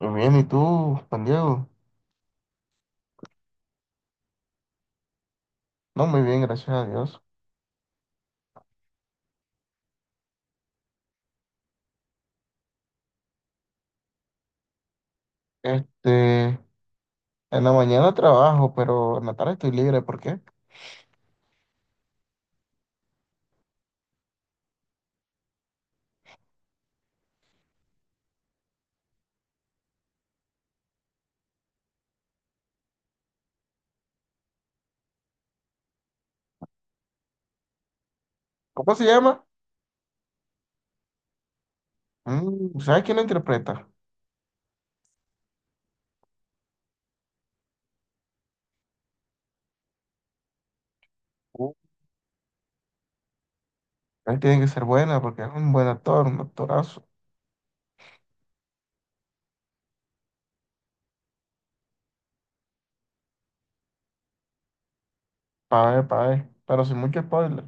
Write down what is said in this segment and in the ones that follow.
Muy bien, ¿y tú, Juan Diego? No, muy bien, gracias a Dios. Este, en la mañana trabajo, pero en la tarde estoy libre. ¿Por qué? ¿Cómo se llama? ¿Sabes quién lo interpreta? Uh, él tiene que ser buena porque es un buen actor, un actorazo. Pa' ver, pero sin mucho spoiler.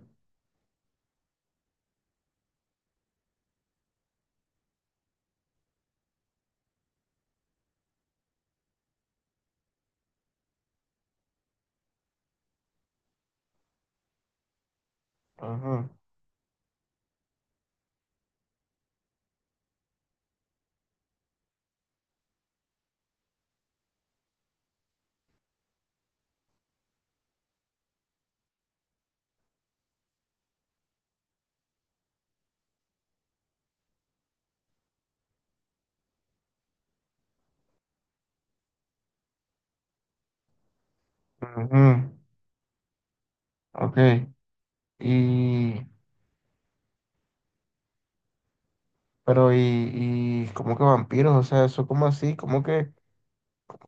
Ajá, ajá. Ok. Y, pero, ¿cómo que vampiros? O sea, eso, ¿como así? ¿Cómo que,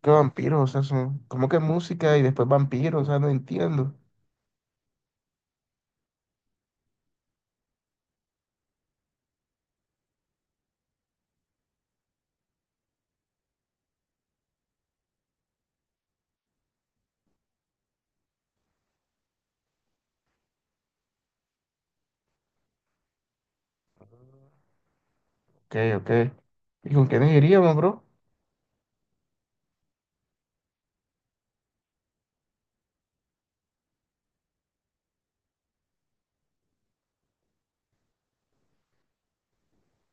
que vampiros? O sea, son, ¿cómo que música y después vampiros? O sea, no entiendo. Ok, ok. ¿Y con quiénes iríamos, bro?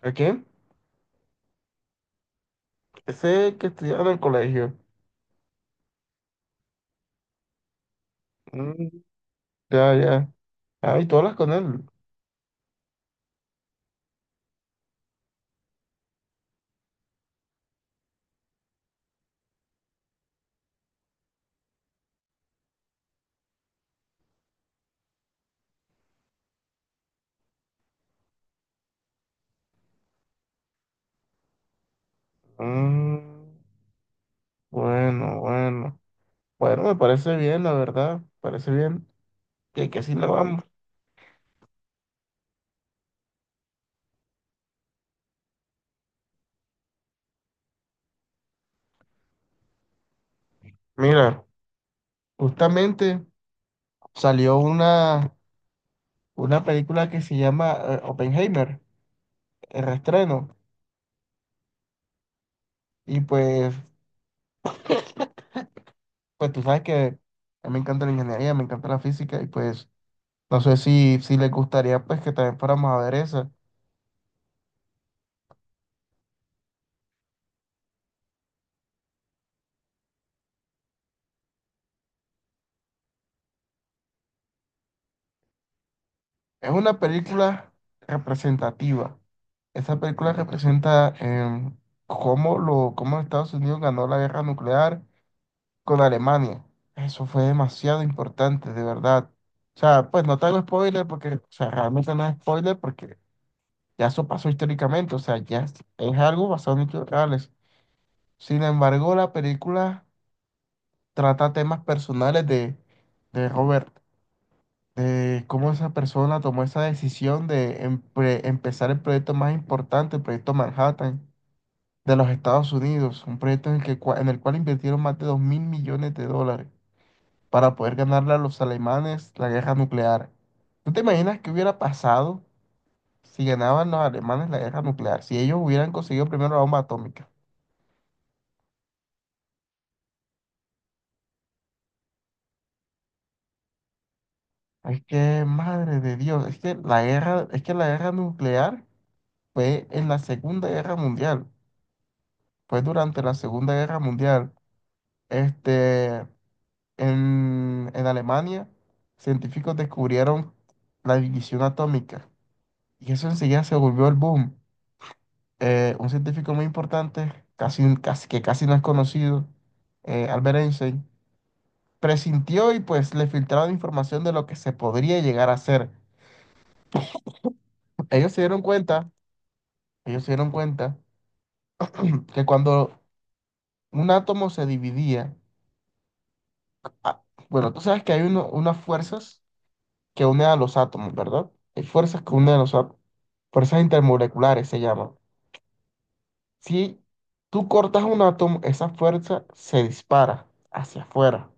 ¿A quién? Ese que estudiaba en el colegio. Mm, ya, ya. Ah, y tú hablas con él. Mm, bueno, bueno. Bueno, me parece bien, la verdad. Parece bien. Que así lo vamos. Mira, justamente salió una película que se llama Oppenheimer, el reestreno. Y pues tú sabes que a mí me encanta la ingeniería, me encanta la física. Y pues no sé si les gustaría pues que también fuéramos a ver esa. Es una película representativa. Esa película representa cómo Estados Unidos ganó la guerra nuclear con Alemania. Eso fue demasiado importante, de verdad. O sea, pues no te hago spoiler porque, o sea, realmente no es spoiler porque ya eso pasó históricamente, o sea, ya es algo basado en hechos reales. Sin embargo, la película trata temas personales de Robert. Cómo esa persona tomó esa decisión de empezar el proyecto más importante, el proyecto Manhattan de los Estados Unidos, un proyecto en el cual invirtieron más de 2.000 millones de dólares para poder ganarle a los alemanes la guerra nuclear. ¿Tú te imaginas qué hubiera pasado si ganaban los alemanes la guerra nuclear? Si ellos hubieran conseguido primero la bomba atómica. Es que, madre de Dios, es que la guerra nuclear fue en la Segunda Guerra Mundial, fue durante la Segunda Guerra Mundial. Este, en Alemania, científicos descubrieron la división atómica y eso enseguida se volvió el boom. Un científico muy importante, casi, casi, que casi no es conocido, Albert Einstein, presintió y pues le filtraron información de lo que se podría llegar a hacer. Ellos se dieron cuenta, ellos se dieron cuenta que cuando un átomo se dividía, ah, bueno, tú sabes que hay unas fuerzas que une a los átomos, ¿verdad? Hay fuerzas que unen a los átomos, fuerzas intermoleculares se llaman. Si tú cortas un átomo, esa fuerza se dispara hacia afuera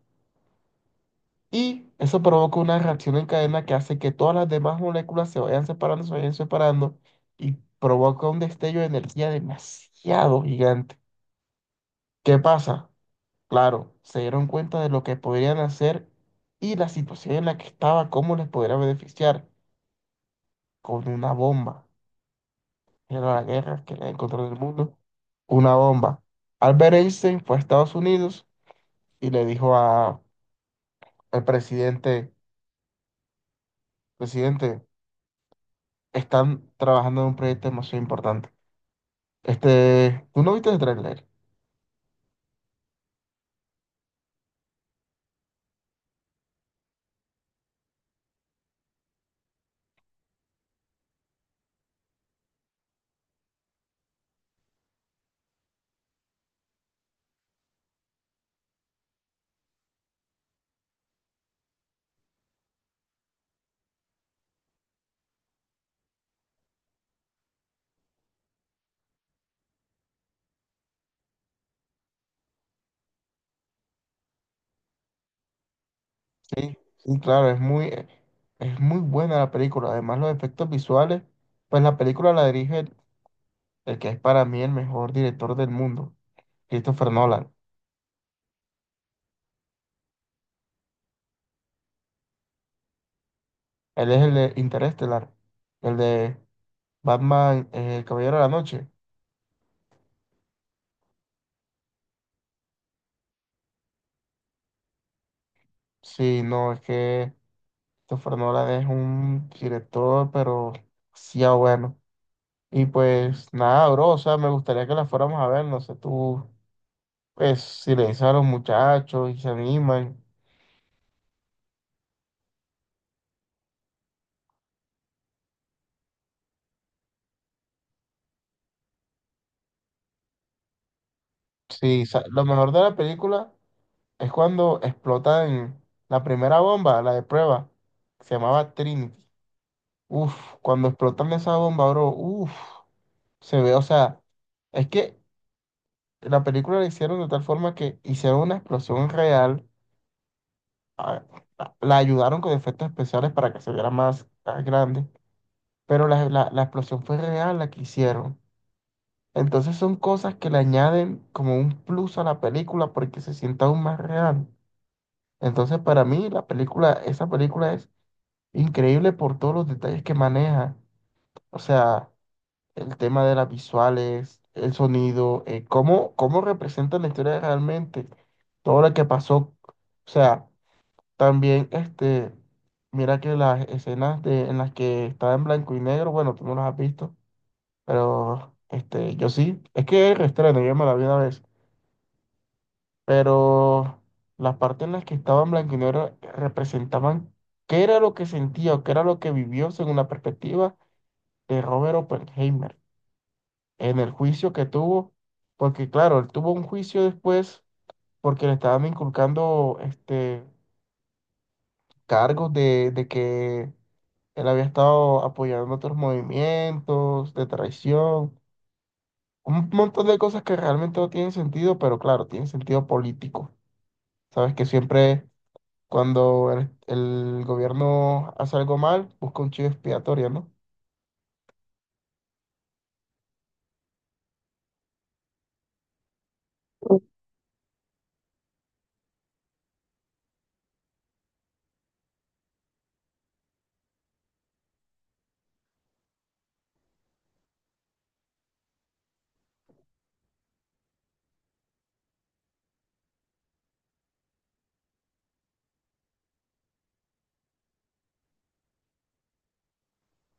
y eso provoca una reacción en cadena que hace que todas las demás moléculas se vayan separando y provoca un destello de energía demasiado gigante. ¿Qué pasa? Claro, se dieron cuenta de lo que podrían hacer y la situación en la que estaba, cómo les podría beneficiar con una bomba. De la guerra, que era el control del mundo, una bomba. Albert Einstein fue a Estados Unidos y le dijo al presidente, presidente, están trabajando en un proyecto demasiado importante. ¿Tú no viste el tráiler? Sí, sí, claro, es muy buena la película. Además, los efectos visuales, pues la película la dirige el que es para mí el mejor director del mundo, Christopher Nolan. Él es el de Interestelar, el de Batman, el Caballero de la Noche. Sí, no, es que Christopher Nolan es un director, pero sí, ah, bueno. Y pues nada, bro, o sea, me gustaría que la fuéramos a ver, no sé, tú, pues si le dices a los muchachos y se animan. Sí, lo mejor de la película es cuando explotan la primera bomba, la de prueba, que se llamaba Trinity. Uf, cuando explotan esa bomba, bro, uf, se ve, o sea, es que la película la hicieron de tal forma que hicieron una explosión real a- la ayudaron con efectos especiales para que se viera más, más grande, pero la explosión fue real la que hicieron. Entonces son cosas que le añaden como un plus a la película porque se sienta aún más real. Entonces para mí la película, esa película es increíble por todos los detalles que maneja. O sea, el tema de las visuales, el sonido, cómo representan la historia realmente, todo lo que pasó. O sea, también, mira que las escenas en las que estaba en blanco y negro, bueno, tú no las has visto, pero yo sí, es que es reestreno, yo me la vi una vez, pero las partes en las que estaba en blanco y negro representaban qué era lo que sentía o qué era lo que vivió según la perspectiva de Robert Oppenheimer en el juicio que tuvo, porque claro, él tuvo un juicio después porque le estaban inculcando cargos de que él había estado apoyando otros movimientos de traición, un montón de cosas que realmente no tienen sentido, pero claro, tienen sentido político. Sabes que siempre cuando el gobierno hace algo mal, busca un chivo expiatorio, ¿no?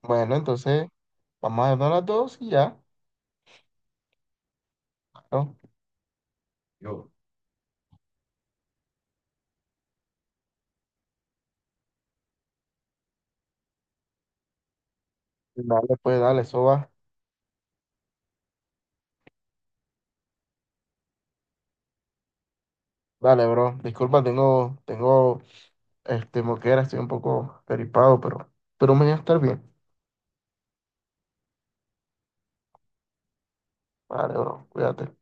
Bueno, entonces vamos a darnos las dos y ya. ¿No? Yo. Dale, pues, dale, eso va. Dale, bro. Disculpa, tengo, moquera, estoy un poco peripado, pero mañana estar bien. Vale, bro, cuídate.